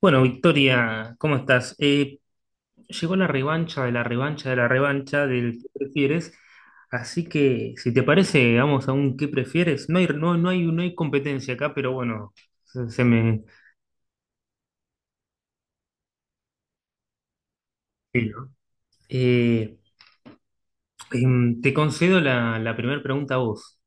Bueno, Victoria, ¿cómo estás? Llegó la revancha de la revancha de la revancha del ¿qué prefieres? Así que, si te parece, vamos a un ¿qué prefieres? No hay competencia acá, pero bueno, se me... Sí, ¿no? Eh, Te concedo la primera pregunta a vos.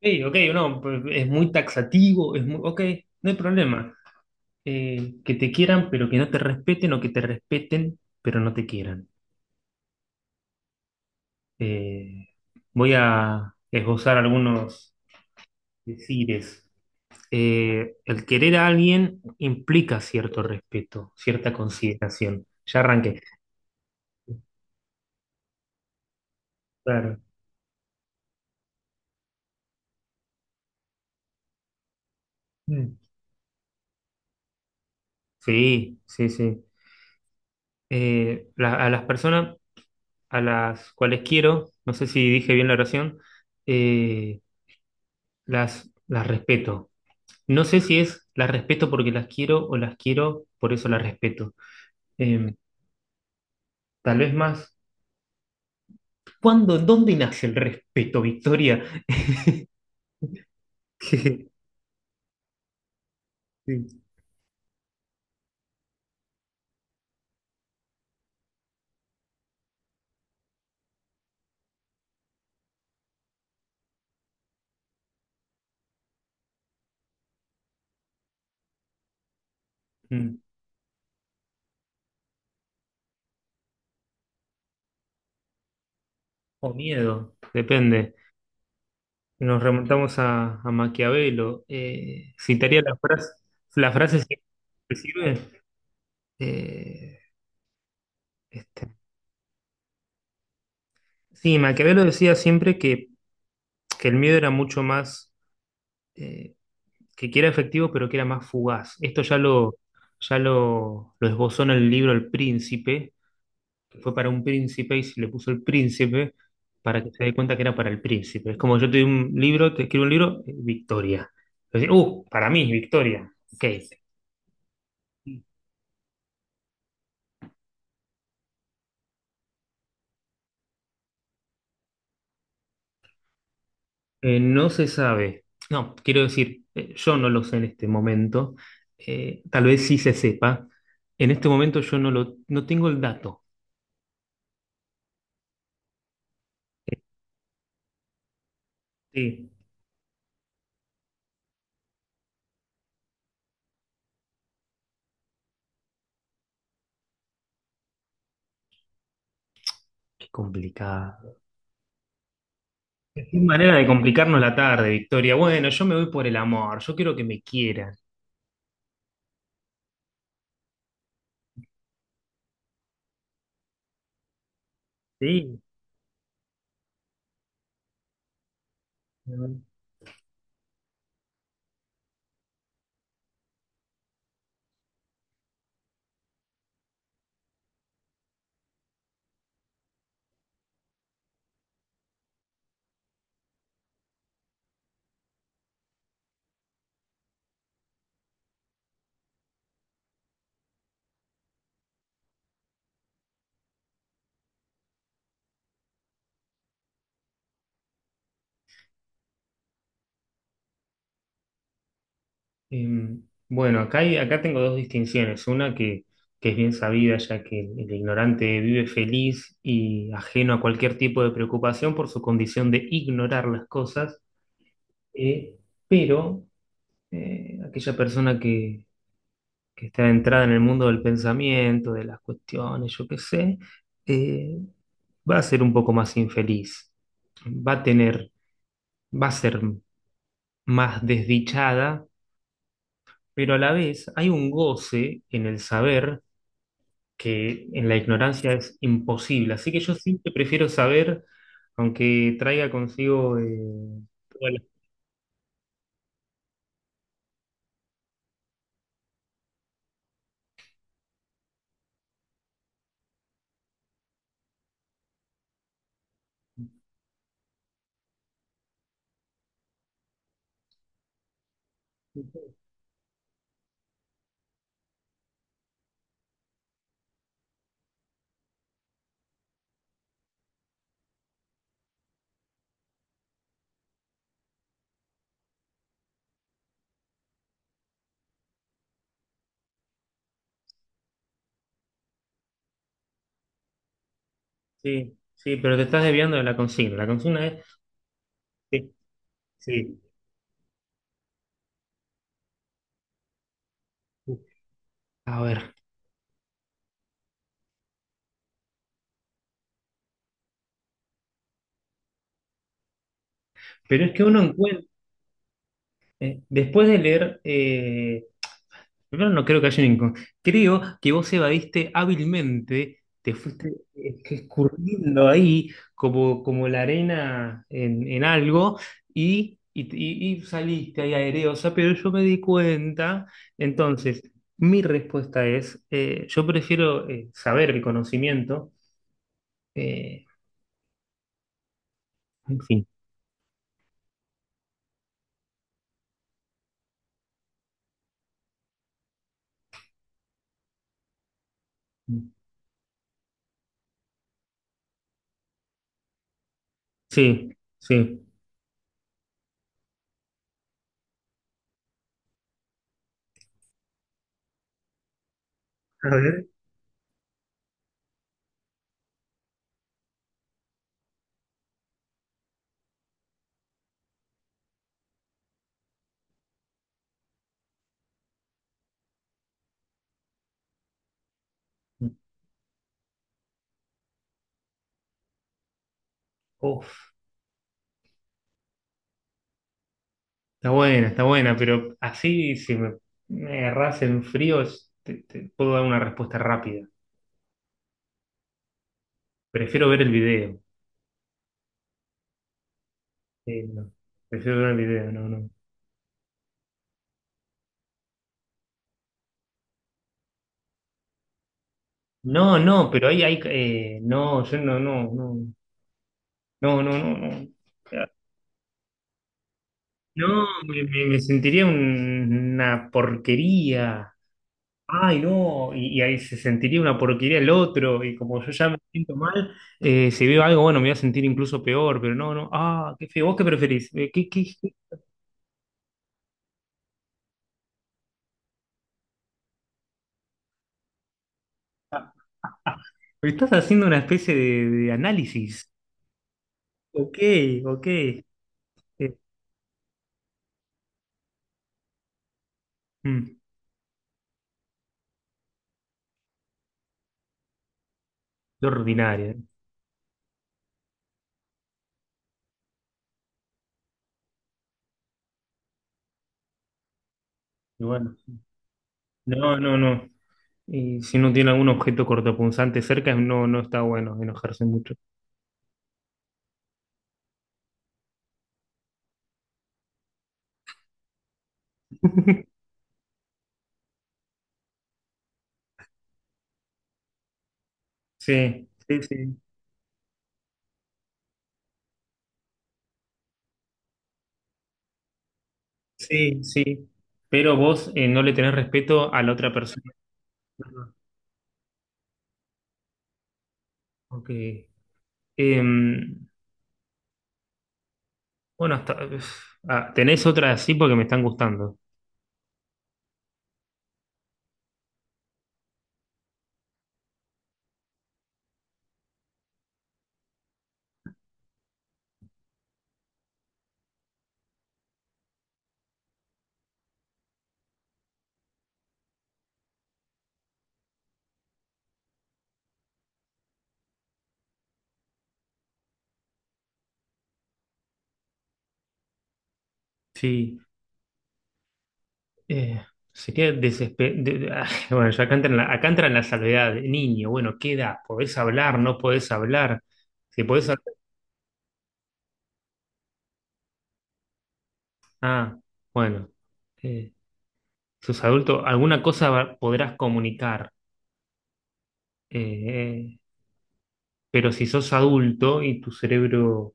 Ok, ok, no, es muy taxativo, es muy... Ok, no hay problema. Que te quieran, pero que no te respeten, o que te respeten, pero no te quieran. Eh, Voy a esbozar algunos decires. El querer a alguien implica cierto respeto, cierta consideración. Ya arranqué. Claro. Mm. Sí, sí, sí. A las personas a las cuales quiero, no sé si dije bien la oración, eh, las respeto. No sé si es las respeto porque las quiero o las quiero, por eso las respeto. Em, Tal vez más. ¿Cuándo, dónde nace el respeto, Victoria? Sí. Mm. O miedo, depende. Nos remontamos a Maquiavelo. Citaría la frase si te sirve. Eh, este, Sí, Maquiavelo decía siempre que el miedo era mucho más, eh, que era efectivo, pero que era más fugaz. Esto lo esbozó en el libro El Príncipe, fue para un príncipe y se le puso el príncipe para que se dé cuenta que era para el príncipe. Es como yo te doy un libro, te escribo un libro, Victoria. Entonces, para mí, Victoria. Ok. No se sabe. No, quiero decir, yo no lo sé en este momento. Tal vez sí se sepa. En este momento yo no tengo el dato. Sí. Qué complicado. Qué manera de complicarnos la tarde, Victoria. Bueno, yo me voy por el amor. Yo quiero que me quieran. Sí. Em, bueno, acá, acá tengo dos distinciones. Una que es bien sabida, ya que el ignorante vive feliz y ajeno a cualquier tipo de preocupación por su condición de ignorar las cosas, eh, pero aquella persona que está entrada en el mundo del pensamiento, de las cuestiones, yo qué sé, eh, va a ser un poco más infeliz, va a tener, va a ser más desdichada, pero a la vez hay un goce en el saber que en la ignorancia es imposible. Así que yo siempre prefiero saber, aunque traiga consigo todas las- Sí, sí, pero te estás desviando de la consigna. La consigna es... Sí, sí. A ver, pero es que uno encuentra, después de leer primero, no creo que haya un creo que vos evadiste hábilmente, te fuiste escurriendo ahí como, como la arena en algo y saliste ahí aereosa, pero yo me di cuenta. Entonces, mi respuesta es, yo prefiero saber el conocimiento. eh, en fin. Sí, sí. A ver. Uf. Está buena, pero así si me agarrás en frío te puedo dar una respuesta rápida. Prefiero ver el video. No. Prefiero ver el video, no, no. No, no, pero ahí hay... no, yo no, no, no, no, no, no, no. No, me sentiría una porquería. Ay, no, y ahí se sentiría una porquería el otro, y como yo ya me siento mal, si veo algo, bueno, me voy a sentir incluso peor, pero no, no, ah, qué feo, ¿vos qué preferís? ¿Qué, qué, qué? Pero estás haciendo una especie de análisis. Ok, ok. Mm, Qué ordinario. Y bueno, no, no, no. Y si no tiene algún objeto cortopunzante cerca, no, no está bueno enojarse mucho. Sí, sí, sí, sí, sí. Pero vos no le tenés respeto a la otra persona. Ok. Em, bueno, hasta, uf, ah, tenés otra así porque me están gustando. Sí. Eh, Sería desesperado. Bueno, ya acá entran, acá entran la salvedad. Niño, bueno, ¿qué edad? ¿Podés hablar? ¿No podés hablar? Si podés hablar. Ah, bueno. Eh, Sos adulto, alguna cosa podrás comunicar. Eh, pero si sos adulto y tu cerebro.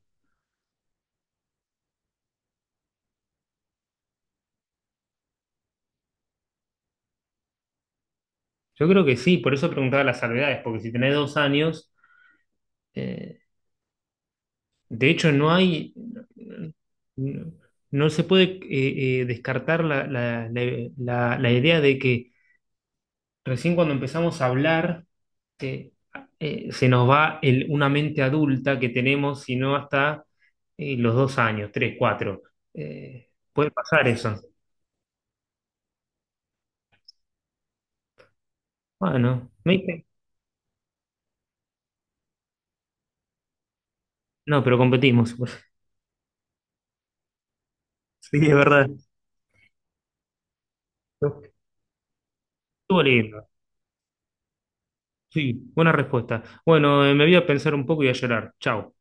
Yo creo que sí, por eso preguntaba las salvedades, porque si tenés 2 años. eh, de hecho, no hay. No, no se puede descartar la idea de que recién cuando empezamos a hablar, eh, se nos va una mente adulta que tenemos, si no hasta los 2 años, tres, cuatro. Puede pasar eso. Bueno, ¿me viste? No, pero competimos. Sí, es verdad. Estuvo lindo. Sí, buena respuesta. Bueno, me voy a pensar un poco y a llorar. Chao.